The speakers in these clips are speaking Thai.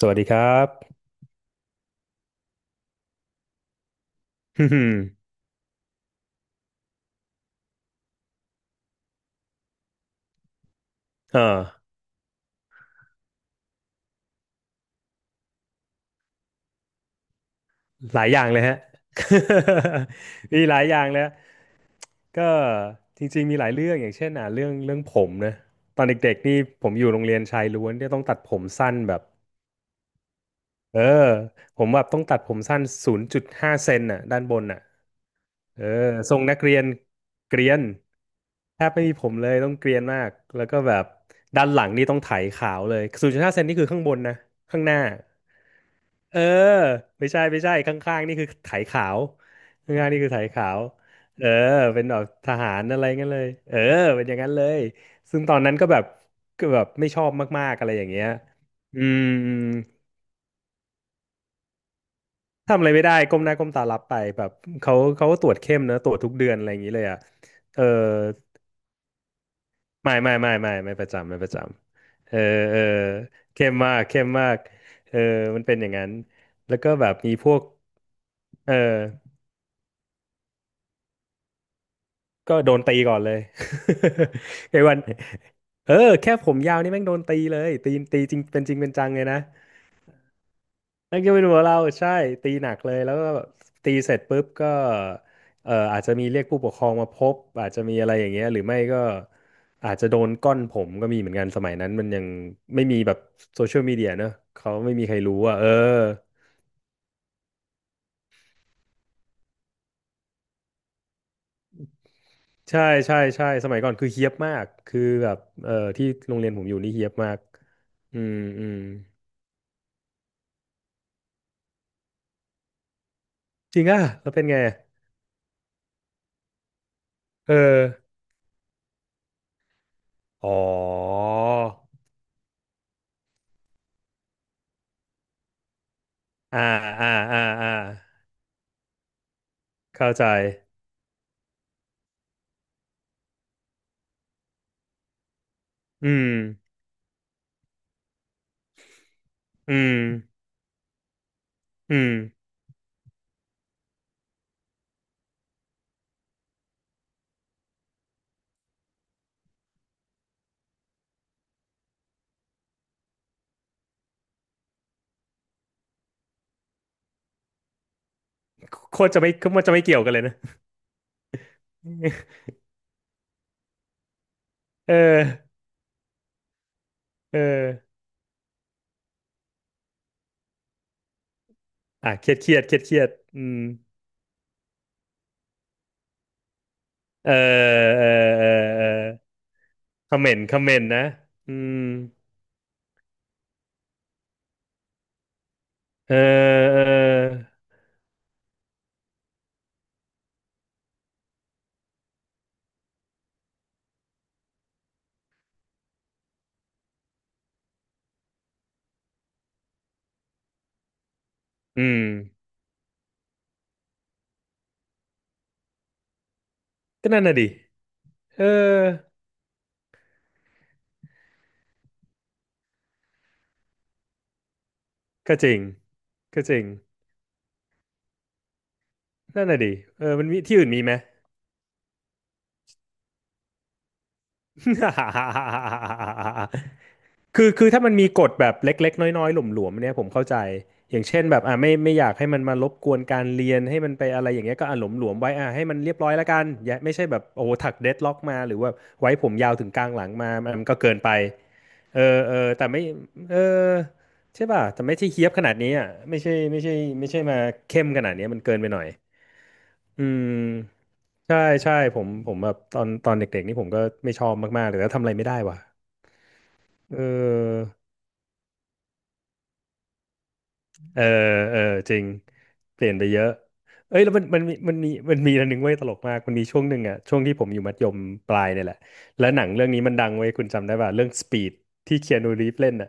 สวัสดีครับ อืมเออหลายอย่างเลยฮะ มีหลายอย่างเลยฮะก็จริงๆมีหลายเรื่องอย่างเช่นเรื่องผมนะตอนเด็กๆนี่ผมอยู่โรงเรียนชายล้วนที่ยต้องตัดผมสั้นแบบเออผมแบบต้องตัดผมสั้นศูนย์จุดห้าเซนน่ะด้านบนน่ะเออทรงนักเรียนเกรียนแทบไม่มีผมเลยต้องเกรียนมากแล้วก็แบบด้านหลังนี่ต้องไถขาวเลยศูนย์จุดห้าเซนนี่คือข้างบนนะข้างหน้า เออไม่ใช่ไม่ใช่ข้างๆนี่คือไถขาวข้างๆนี่คือไถขาวเออเป็นแบบทหารอะไรงั้นเลยเออเป็นอย่างนั้นเลยซึ่งตอนนั้นก็แบบก็แบบไม่ชอบมากๆอะไรอย่างเงี้ยอืมอืมทำอะไรไม่ได้ก้มหน้าก้มตารับไปแบบเขาก็ตรวจเข้มนะตรวจทุกเดือนอะไรอย่างนี้เลยเออไม่ไม่ไม่ไม่ไม่ประจำไม่ประจำเออเออเข้มมากเข้มมากเออมันเป็นอย่างนั้นแล้วก็แบบมีพวกเออ ก็โดนตีก่อนเลย ไอ้วันเออแค่ผมยาวนี่แม่งโดนตีเลยตีจริงเป็นจริงเป็นจังเลยนะแม่งจะเป็นหัวเราใช่ตีหนักเลยแล้วก็แบบตีเสร็จปุ๊บก็อาจจะมีเรียกผู้ปกครองมาพบอาจจะมีอะไรอย่างเงี้ยหรือไม่ก็อาจจะโดนก้อนผมก็มีเหมือนกันสมัยนั้นมันยังไม่มีแบบโซเชียลมีเดียเนอะเขาไม่มีใครรู้อ่ะเออใช่ใช่ใช่สมัยก่อนคือเฮี้ยบมากคือแบบที่โรงเรียนผมอยู่นี่เฮี้ยบมากอืมอืม จริงอ่ะแล้วเป็นไงอะเอออ๋ออ่าอ่าอ่าอ่าเข้าใจอืมอืมอืมโคตรจะไม่โคตรจะไม่เกี่ยวกันเลยนะ เออเอออ่ะเครียดเครียดเครียดเครียดอืมเออเออเออเออคอมเมนต์คอมเมนต์นะอืมเออเอออืมก็นั่นน่ะดิเออก็จริงก็จริงนั่นน่ะดิเออมันมีที่อื่นมีไหม คือคือถ้ามันมีกฎแบบเล็กๆน้อยๆหลวมๆเนี่ยผมเข้าใจอย่างเช่นแบบอ่าไม่ไม่อยากให้มันมารบกวนการเรียนให้มันไปอะไรอย่างเงี้ยก็อ่าหลวมๆไว้อ่าให้มันเรียบร้อยแล้วกันอย่าไม่ใช่แบบโอ้โหถักเดดล็อกมาหรือว่าไว้ผมยาวถึงกลางหลังมามันก็เกินไปเออเออแต่ไม่เออใช่ป่ะแต่ไม่ใช่เฮี้ยบขนาดนี้อ่ะไม่ใช่ไม่ใช่ไม่ใช่มาเข้มขนาดเนี้ยมันเกินไปหน่อยอืมใช่ใช่ผมผมแบบตอนเด็กๆนี่ผมก็ไม่ชอบมากๆเลยแล้วทำอะไรไม่ได้ว่ะ เออ เออ เออ จริง เปลี่ยนไปเยอะ เอ้ย แล้วมันมันมีมันมีมันมีอันหนึงเว้ยตลกมากมันมีช่วงหนึ่งอะช่วงที่ผมอยู่มัธยมปลายเนี่ยแหละแล้วหนังเรื่องนี้มันดังเว้ยคุณจำได้ป่ะเรื่อง Speed ที่เคียนูรีฟเล่นอะ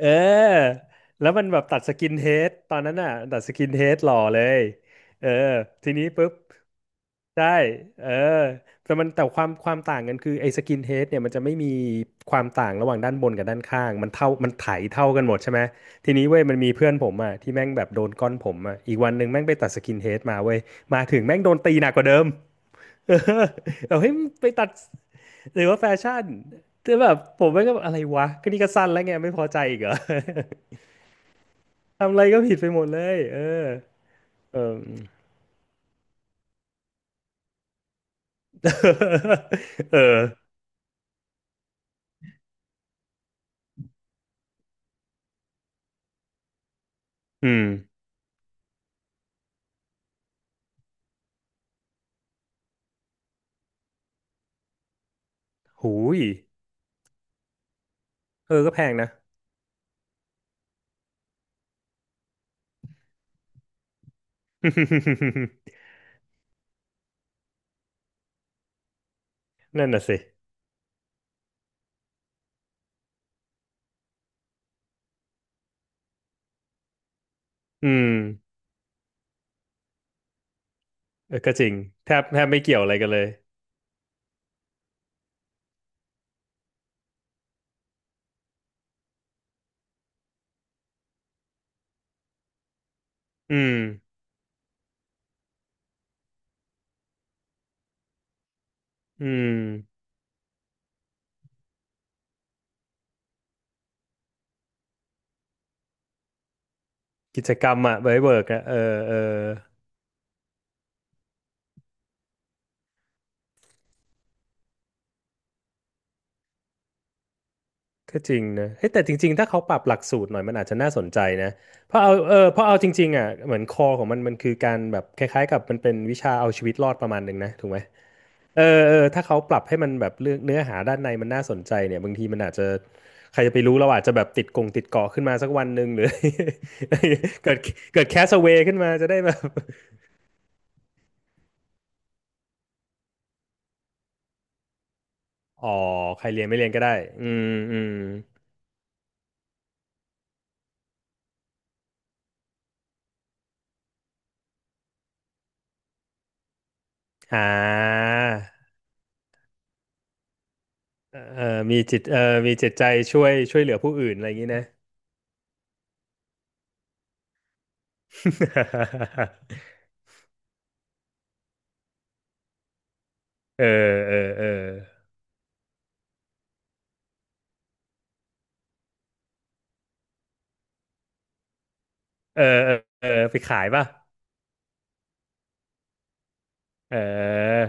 เออ แล้วมันแบบตัดสกินเฮดตอนนั้นน่ะตัดสกินเฮดหล่อเลย เออ ทีนี้ปุ๊บใช่เออแต่มันแต่ความต่างกันคือไอ้สกินเฮดเนี่ยมันจะไม่มีความต่างระหว่างด้านบนกับด้านข้างมันเท่ามันไถเท่ากันหมดใช่ไหม ทีนี้เว้ยมันมีเพื่อนผมอ่ะที่แม่งแบบโดนก้อนผมอ่ะอีกวันหนึ่งแม่งไปตัดสกินเฮดมาเว้ย มาถึงแม่งโดนตีหนักกว่าเดิม เออแบบให้ยมึงไปตัดหรือว่าแฟชั่นแต่แบบผมแม่งก็แบบอะไรวะก็นี่ก็สั้นแล้วไงไม่พอใจอีกเหรอ ทำอะไรก็ผิดไปหมดเลยเออเออ เอออืมหูยเออก็แพงนะ นั่นน่ะสิอืมเออก็จริงแทบแทบไม่เกี่ยวอะไรกันเลยอืมอืมกิจกรรมอะไว้เวิร์กอะเออเออ ก็จริงนะเฮ้ยแต่จริงๆถ้าเขาปรับหลักสูตรหน่อยมันอาจจะน่าสนใจนะเพราะเอาเออเพราะเอาจริงๆอ่ะเหมือนคอของมันมันคือการแบบคล้ายๆกับมันเป็นวิชาเอาชีวิตรอดประมาณหนึ่งนะถูกไหมเออเออถ้าเขาปรับให้มันแบบเรื่องเนื้อหาด้านในมันน่าสนใจเนี่ยบางทีมันอาจจะใครจะไปรู้เราอาจจะแบบติดกงติดเกาะขึ้นมาสักวันหนึ่งหรือ เกิดเกิดแคสเวย์ขึ้นมาจะได้แบบ อ๋อใครเรียนไม่เรียนก็ได้อืมอืมอ่าเออมีจิตใจช่วยเหลือผู้อื่นอะไรอย่างนี้นะ เออเออเออเออเออไปขายป่ะเออ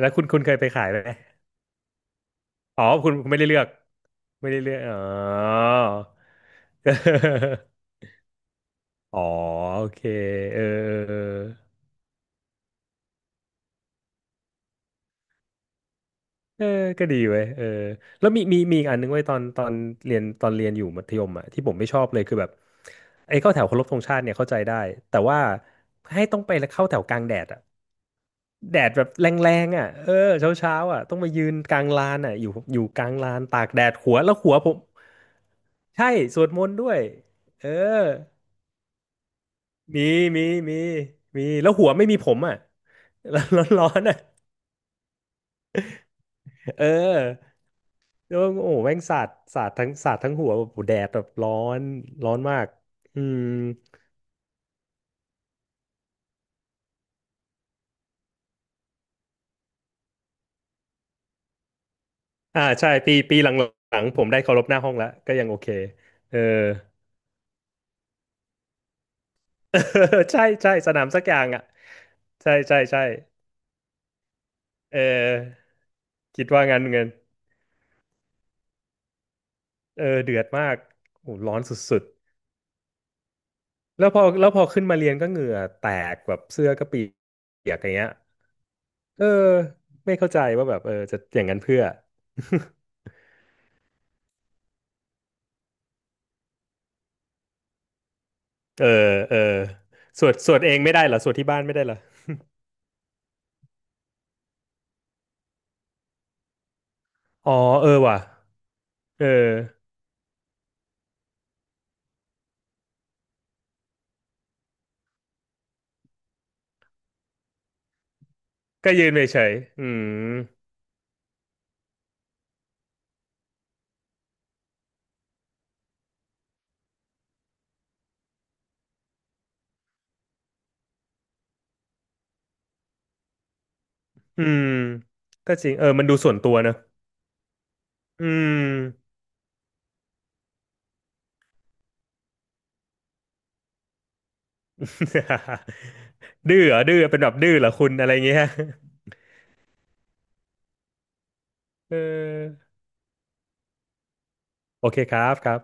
แล้วคุณเคยไปขายไหมอ๋อคุณไม่ได้เลือกไม่ได้เลือกอ๋อ อ๋อโอเคเออเออเออเออก็ดีเว้ยเออแล้วมีมีมีอีกอันนึงเว้ยตอนเรียนตอนเรียนอยู่มัธยมอ่ะที่ผมไม่ชอบเลยคือแบบไอ้เข้าแถวเคารพธงชาติเนี่ยเข้าใจได้แต่ว่าให้ต้องไปแล้วเข้าแถวกลางแดดอ่ะ แดดแบบแรงๆอ่ะเออเช้าเช้าอ่ะต้องมายืนกลางลานอ่ะอยู่อยู่กลางลานตากแดดหัวแล้วหัวผมใช่สวดมนต์ด้วยเออมีมีมีมีแล้วหัวไม่มีผมอ่ะ แล้วร้อนๆอ่ะเออแล้วโอ้โหแม่งสาดสาดทั้งสาดทั้งหัวแบบโอ้โหแดดแบบร้อนร้อนมากอืมอ่าใช่ปีปีหลังๆผมได้เคารพหน้าห้องแล้วก็ยังโอเคเออ ใช่ใช่สนามสักอย่างอ่ะใช่ใช่ใช่เออ คิดว่างั้นเงินเออเดือดมากโหร้อนสุดๆแล้วพอแล้วพอขึ้นมาเรียนก็เหงื่อแตกแบบเสื้อก็เปียกอย่างเงี้ยเออไม่เข้าใจว่าแบบเออจะอย่างนั้นเพื่อ เออเออสวดเองไม่ได้เหรอสวดที่บ้านไม่ได้เหรออ๋อเออว่ะเออก็ยืนเฉยๆอืมอืมก็จริงเออมันดูส่วนตัวเนอะอืม ดื้อเหรอดื้อเป็นแบบดื้อเหรอคุณอะไรเงี้ย เออโอเคครับครับ